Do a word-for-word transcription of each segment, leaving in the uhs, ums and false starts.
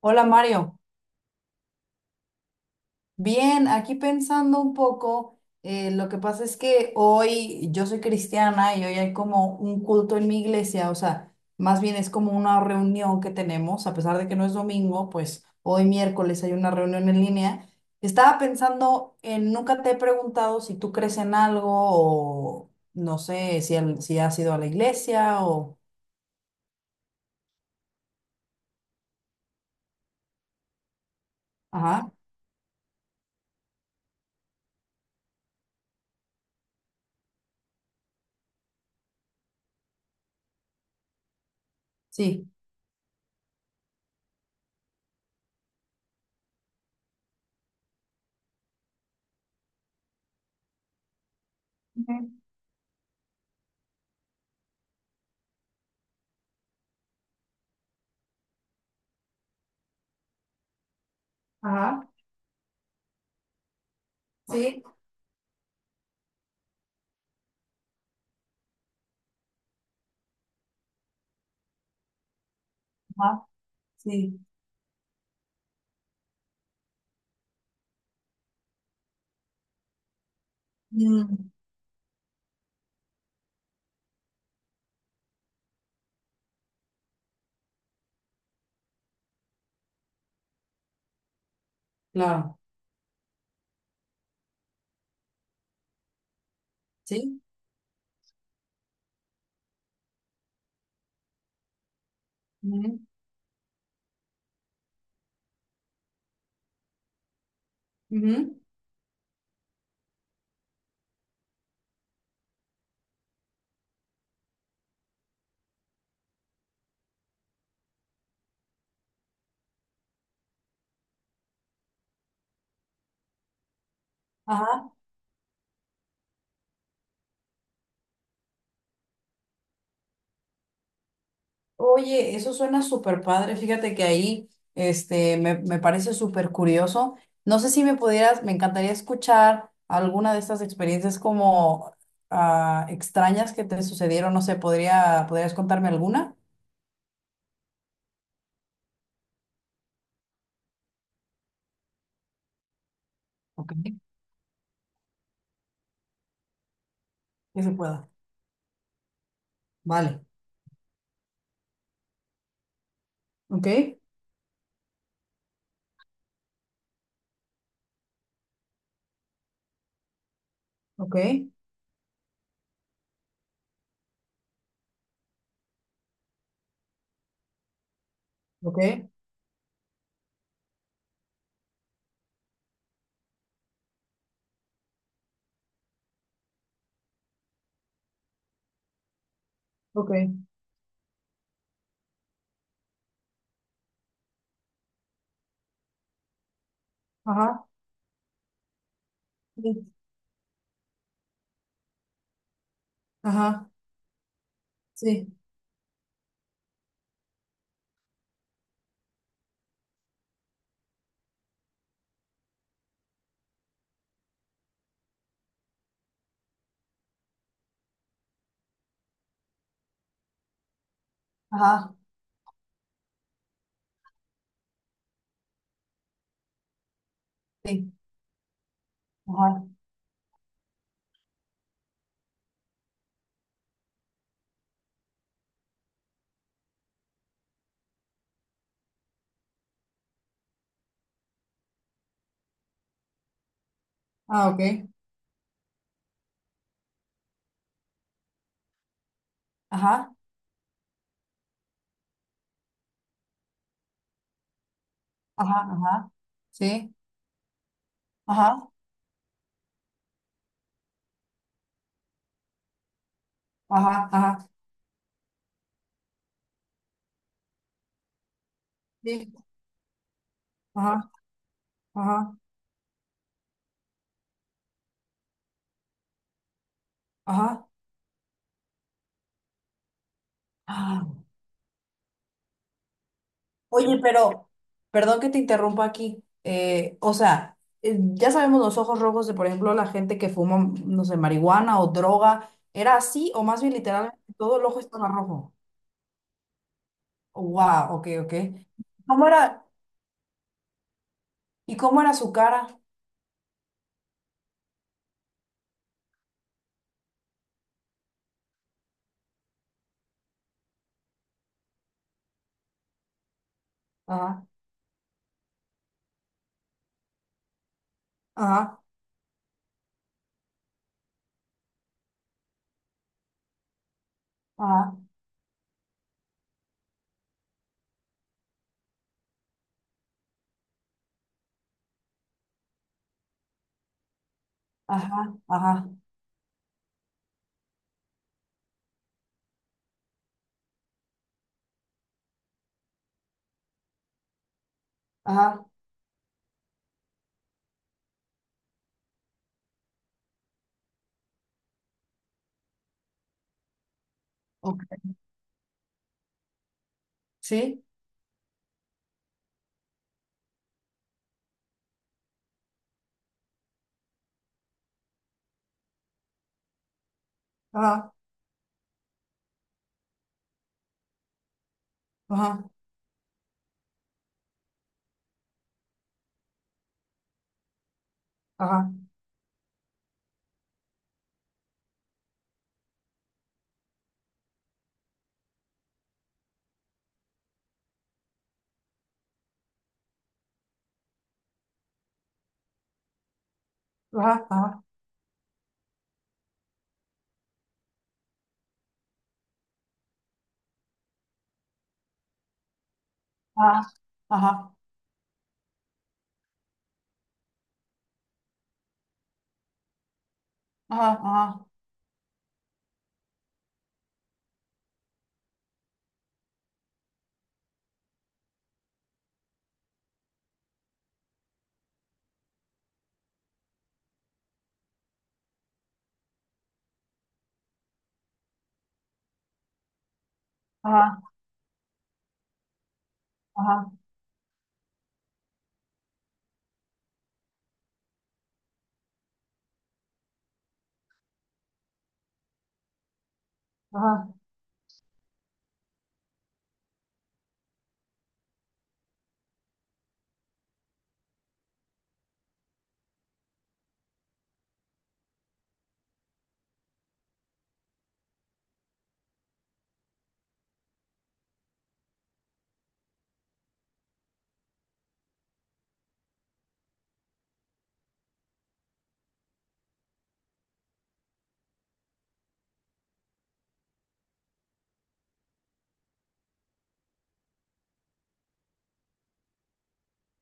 Hola, Mario. Bien, aquí pensando un poco. Eh, lo que pasa es que hoy yo soy cristiana y hoy hay como un culto en mi iglesia, o sea, más bien es como una reunión que tenemos, a pesar de que no es domingo, pues hoy miércoles hay una reunión en línea. Estaba pensando en, nunca te he preguntado si tú crees en algo o no sé si, al- si has ido a la iglesia o... Ajá, sí. Ujú. Ajá, sí. Ajá, sí. Mm, claro. Sí. Ujú, ujú. Ajá. Oye, eso suena súper padre. Fíjate que ahí este, me, me parece súper curioso. No sé si me pudieras, me encantaría escuchar alguna de estas experiencias como ah, extrañas que te sucedieron. No sé, ¿podría, podrías contarme alguna? Ok. Que se pueda. Vale. Ok, ok, ok, ok. Ajá. Sí. Ajá. Sí. Ajá. Sí. Ajá. Ah, ok. Ajá. Ajá. Ajá. Sí. Ajá. Ajá, ajá, sí, ajá, ajá, ajá. Ah. Oye, pero, perdón que te interrumpa aquí. Eh, o sea, eh, ya sabemos los ojos rojos de, por ejemplo, la gente que fuma, no sé, marihuana o droga. ¿Era así o más bien literalmente todo el ojo estaba rojo? Wow, ok, ok. ¿Cómo era? ¿Y cómo era su cara? Ajá, ajá, ajá, ajá, ajá, ajá. Ok. ¿Sí? Ajá, ajá, ajá, ajá, ajá, ajá, ajá, ajá, ajá. Ajá, ajá, ajá.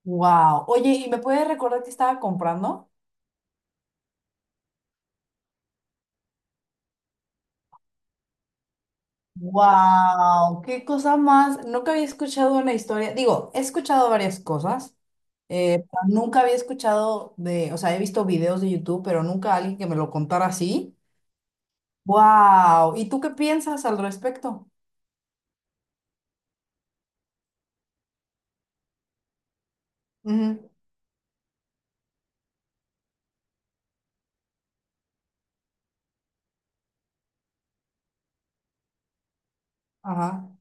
Wow. Oye, ¿y me puedes recordar que estaba comprando? Wow, qué cosa más. Nunca había escuchado una historia. Digo, he escuchado varias cosas, eh, pero nunca había escuchado de, o sea, he visto videos de YouTube, pero nunca alguien que me lo contara así. Wow. ¿Y tú qué piensas al respecto? Ujú. Ajá,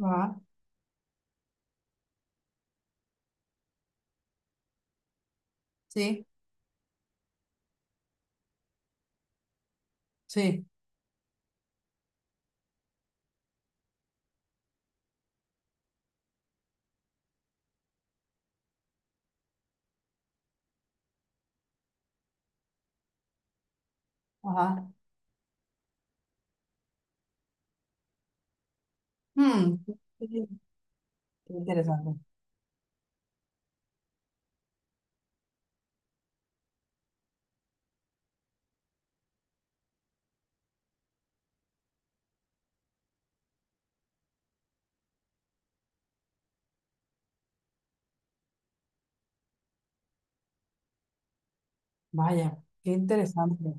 ajá. Sí, sí, ajá. hmm Qué interesante. Vaya, qué interesante.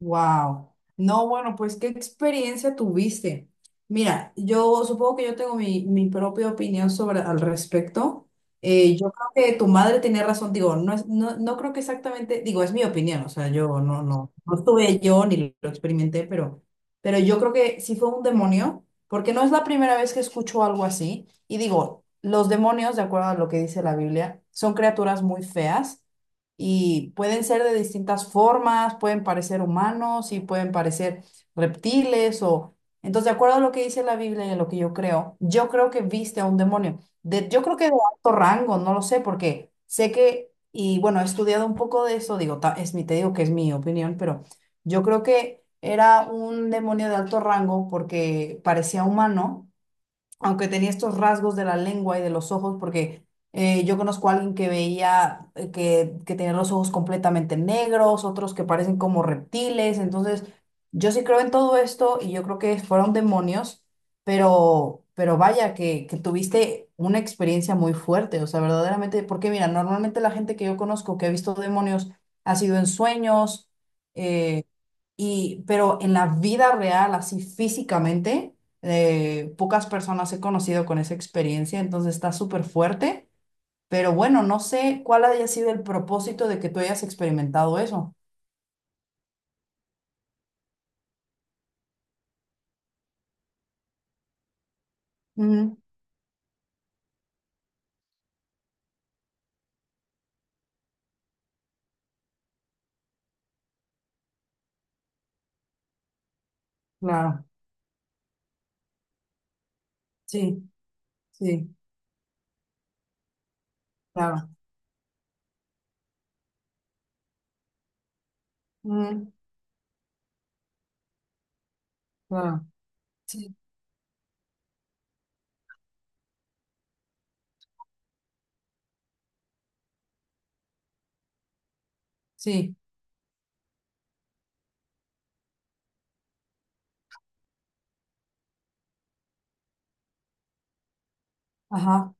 Wow. No, bueno, pues qué experiencia tuviste. Mira, yo supongo que yo tengo mi, mi propia opinión sobre al respecto. Eh, yo creo que tu madre tenía razón, digo, no es, no, no creo que exactamente, digo, es mi opinión, o sea, yo no, no, no estuve yo ni lo experimenté, pero, pero, yo creo que sí fue un demonio, porque no es la primera vez que escucho algo así. Y digo, los demonios, de acuerdo a lo que dice la Biblia, son criaturas muy feas y pueden ser de distintas formas, pueden parecer humanos y pueden parecer reptiles o... Entonces, de acuerdo a lo que dice la Biblia y a lo que yo creo, yo creo que viste a un demonio. De, yo creo que de alto rango, no lo sé, porque sé que, y bueno, he estudiado un poco de eso, digo, ta- es mi, te digo que es mi opinión, pero yo creo que era un demonio de alto rango porque parecía humano aunque tenía estos rasgos de la lengua y de los ojos, porque eh, yo conozco a alguien que veía eh, que, que tenía los ojos completamente negros, otros que parecen como reptiles, entonces yo sí creo en todo esto y yo creo que fueron demonios, pero, pero vaya, que, que tuviste una experiencia muy fuerte, o sea, verdaderamente, porque mira, normalmente la gente que yo conozco que ha visto demonios ha sido en sueños, eh, y, pero en la vida real, así físicamente, eh, pocas personas he conocido con esa experiencia, entonces está súper fuerte. Pero bueno, no sé cuál haya sido el propósito de que tú hayas experimentado eso. Ujú, claro, sí, sí, claro. Ujú, claro, sí, sí, ajá.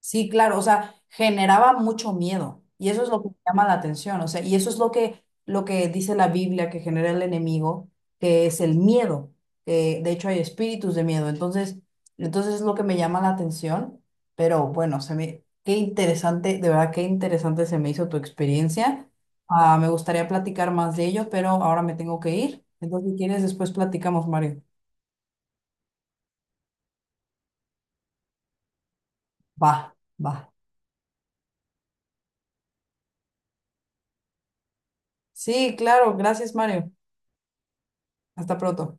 Sí, claro, o sea, generaba mucho miedo y eso es lo que llama la atención, o sea, y eso es lo que, lo que dice la Biblia que genera el enemigo, que es el miedo, que de hecho hay espíritus de miedo, entonces, entonces es lo que me llama la atención, pero bueno, se me, qué interesante, de verdad, qué interesante se me hizo tu experiencia. Ah, me gustaría platicar más de ello, pero ahora me tengo que ir, entonces si quieres después platicamos, Mario. Va, va. Sí, claro, gracias, Mario. Hasta pronto.